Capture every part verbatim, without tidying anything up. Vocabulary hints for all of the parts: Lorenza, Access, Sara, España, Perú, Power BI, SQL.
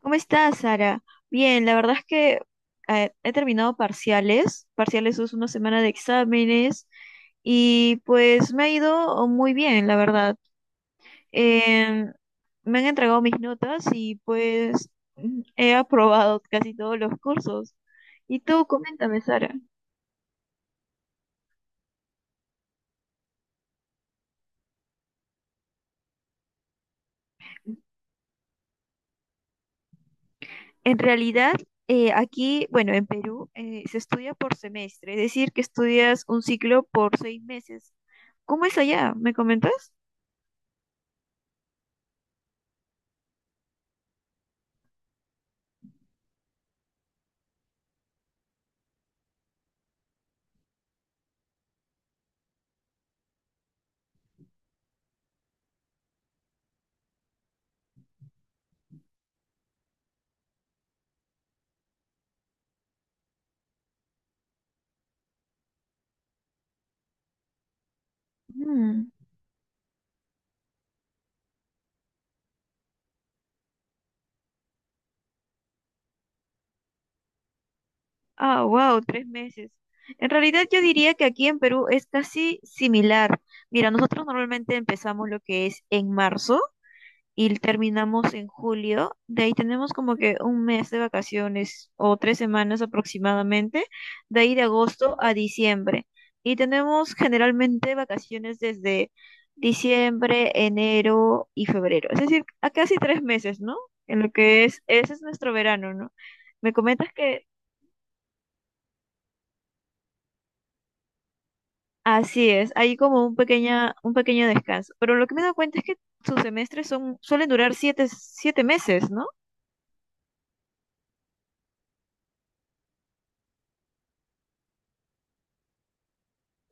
¿Cómo estás, Sara? Bien, la verdad es que eh, he terminado parciales. Parciales es una semana de exámenes y pues me ha ido muy bien, la verdad. Em, Me han entregado mis notas y pues mm, he aprobado casi todos los cursos. Y tú, coméntame, Sara. En realidad, eh, aquí, bueno, en Perú, eh, se estudia por semestre, es decir, que estudias un ciclo por seis meses. ¿Cómo es allá? ¿Me comentas? Mm. Ah, wow, tres meses. En realidad yo diría que aquí en Perú es casi similar. Mira, nosotros normalmente empezamos lo que es en marzo y terminamos en julio. De ahí tenemos como que un mes de vacaciones o tres semanas aproximadamente. De ahí de agosto a diciembre. Y tenemos generalmente vacaciones desde diciembre, enero y febrero. Es decir, a casi tres meses, ¿no? En lo que es, ese es nuestro verano, ¿no? Me comentas que así es, hay como un pequeña, un pequeño descanso. Pero lo que me he dado cuenta es que sus semestres son, suelen durar siete, siete meses, ¿no?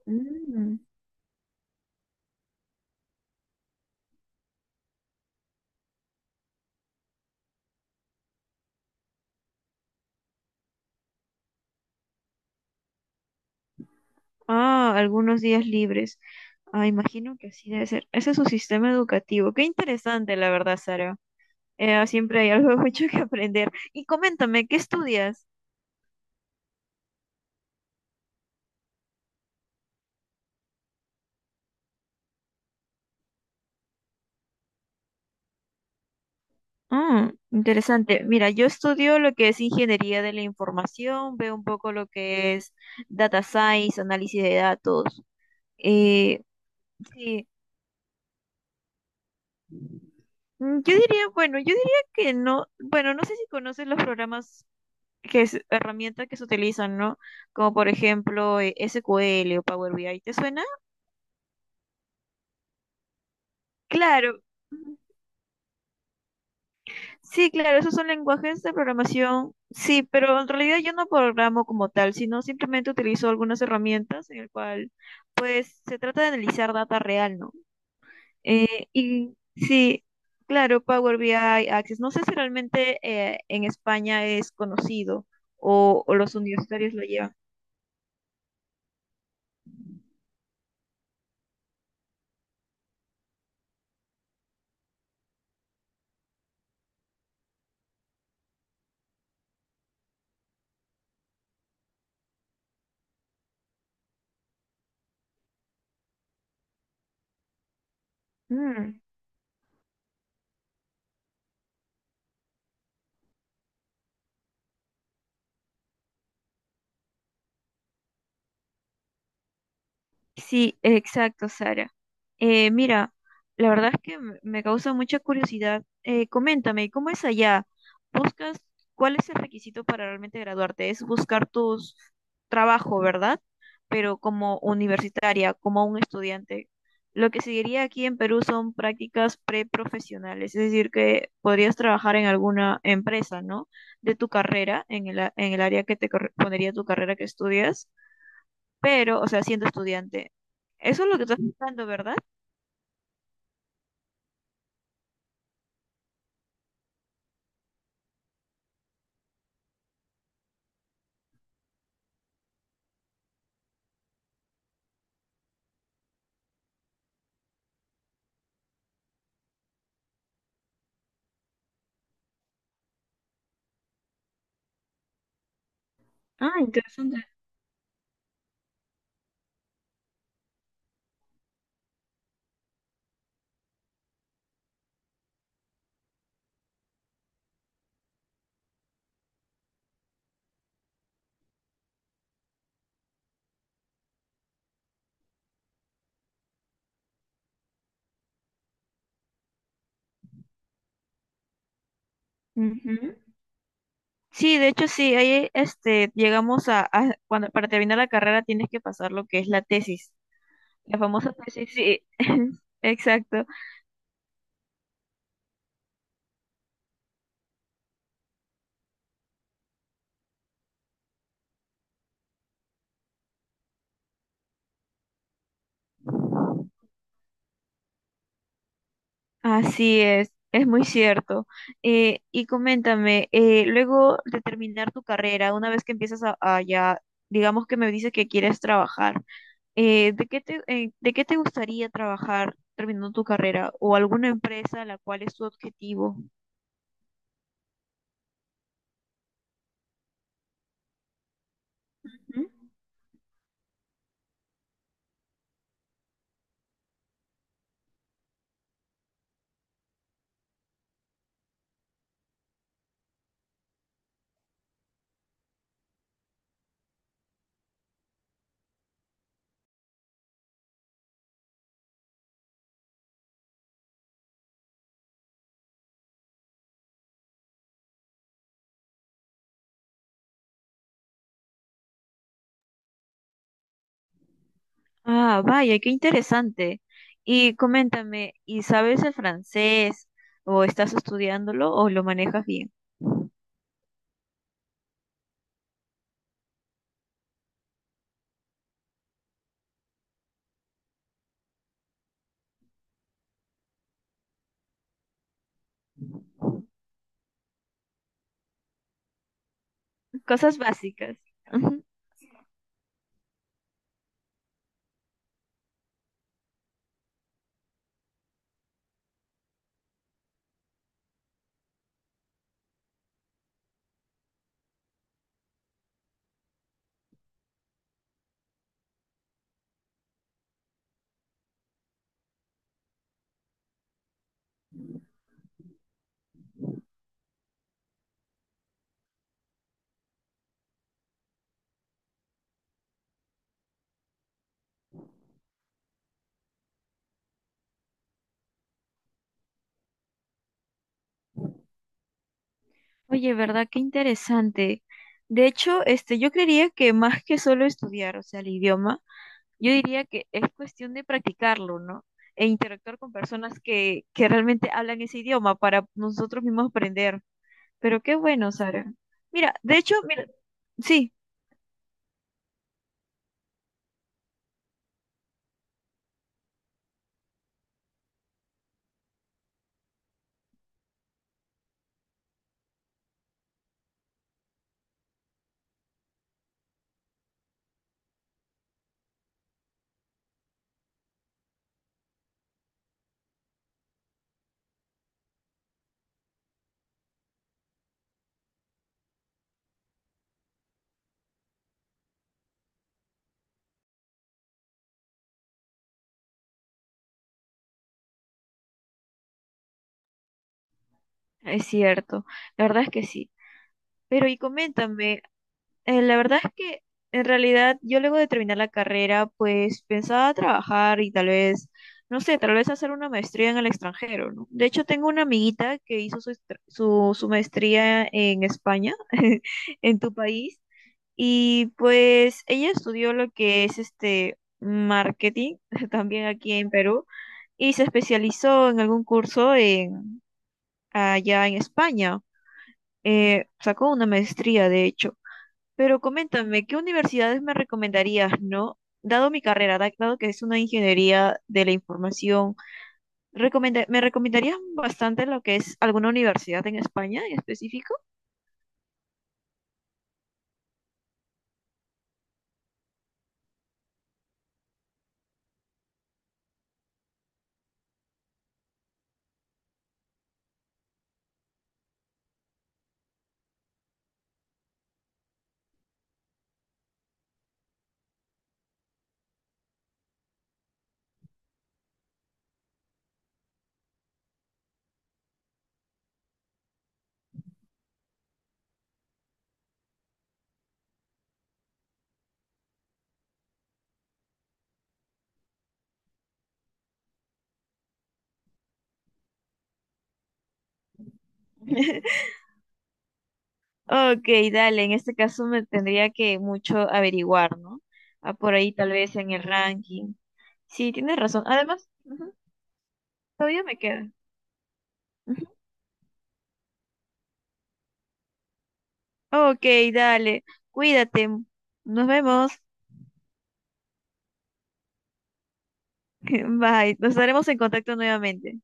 Mm. Ah, algunos días libres. Ah, imagino que así debe ser. Ese es su sistema educativo. Qué interesante, la verdad, Sara. Eh, siempre hay algo mucho que aprender. Y coméntame, ¿qué estudias? Ah, interesante. Mira, yo estudio lo que es ingeniería de la información, veo un poco lo que es data science, análisis de datos. Eh, sí. Mm, yo diría, bueno, yo diría que no, bueno, no sé si conoces los programas que es herramientas que se utilizan, ¿no? Como por ejemplo eh, S Q L o Power B I, ¿te suena? Claro, sí, claro, esos son lenguajes de programación, sí, pero en realidad yo no programo como tal, sino simplemente utilizo algunas herramientas en el cual, pues, se trata de analizar data real, ¿no? Eh, y sí, claro, Power B I, Access. No sé si realmente eh, en España es conocido o, o los universitarios lo llevan. Mm. Sí, exacto, Sara. Eh, mira, la verdad es que m- me causa mucha curiosidad. Eh, coméntame, ¿cómo es allá? ¿Buscas cuál es el requisito para realmente graduarte? Es buscar tu trabajo, ¿verdad? Pero como universitaria, como un estudiante. Lo que seguiría aquí en Perú son prácticas preprofesionales, es decir, que podrías trabajar en alguna empresa, ¿no? De tu carrera, en el, a- en el área que te correspondería tu carrera que estudias pero, o sea, siendo estudiante. Eso es lo que estás buscando, ¿verdad? Ah, interesante. Ujú. Sí, de hecho sí, ahí este, llegamos a, a- cuando para terminar la carrera tienes que pasar lo que es la tesis, la famosa tesis, sí, exacto, así es, es muy cierto. Eh, y coméntame, eh, luego de terminar tu carrera, una vez que empiezas a, a ya, digamos que me dices que quieres trabajar. Eh, ¿de qué te, eh, de qué te gustaría trabajar terminando tu carrera o alguna empresa la cual es tu objetivo? ¿Mm? Ah, vaya, qué interesante. Y coméntame, ¿y sabes el francés o estás estudiándolo o lo manejas bien? Cosas básicas. Ujú. Oye, ¿verdad? Qué interesante. De hecho, este, yo creería que más que solo estudiar, o sea, el idioma, yo diría que es cuestión de practicarlo, ¿no? E interactuar con personas que, que realmente hablan ese idioma para nosotros mismos aprender. Pero qué bueno, Sara. Mira, de hecho, mira, sí, es cierto. La verdad es que sí. Pero y coméntame, Eh, la verdad es que en realidad yo luego de terminar la carrera, pues pensaba trabajar y tal vez, no sé, tal vez hacer una maestría en el extranjero, ¿no? De hecho, tengo una amiguita que hizo su, estra- su, su maestría en España, en tu país, y pues ella estudió lo que es este marketing, también aquí en Perú, y se especializó en algún curso en, allá en España. Eh, sacó una maestría, de hecho. Pero coméntame, ¿qué universidades me recomendarías, no? Dado mi carrera, da- dado que es una ingeniería de la información, recomenda- ¿me recomendarías bastante lo que es alguna universidad en España en específico? Ok, dale, en este caso me tendría que mucho averiguar, ¿no? Ah, por ahí tal vez en el ranking. Sí, tienes razón. Además, ujú, todavía me queda. Ujú. Ok, dale, cuídate. Nos vemos. Bye, nos estaremos en contacto nuevamente.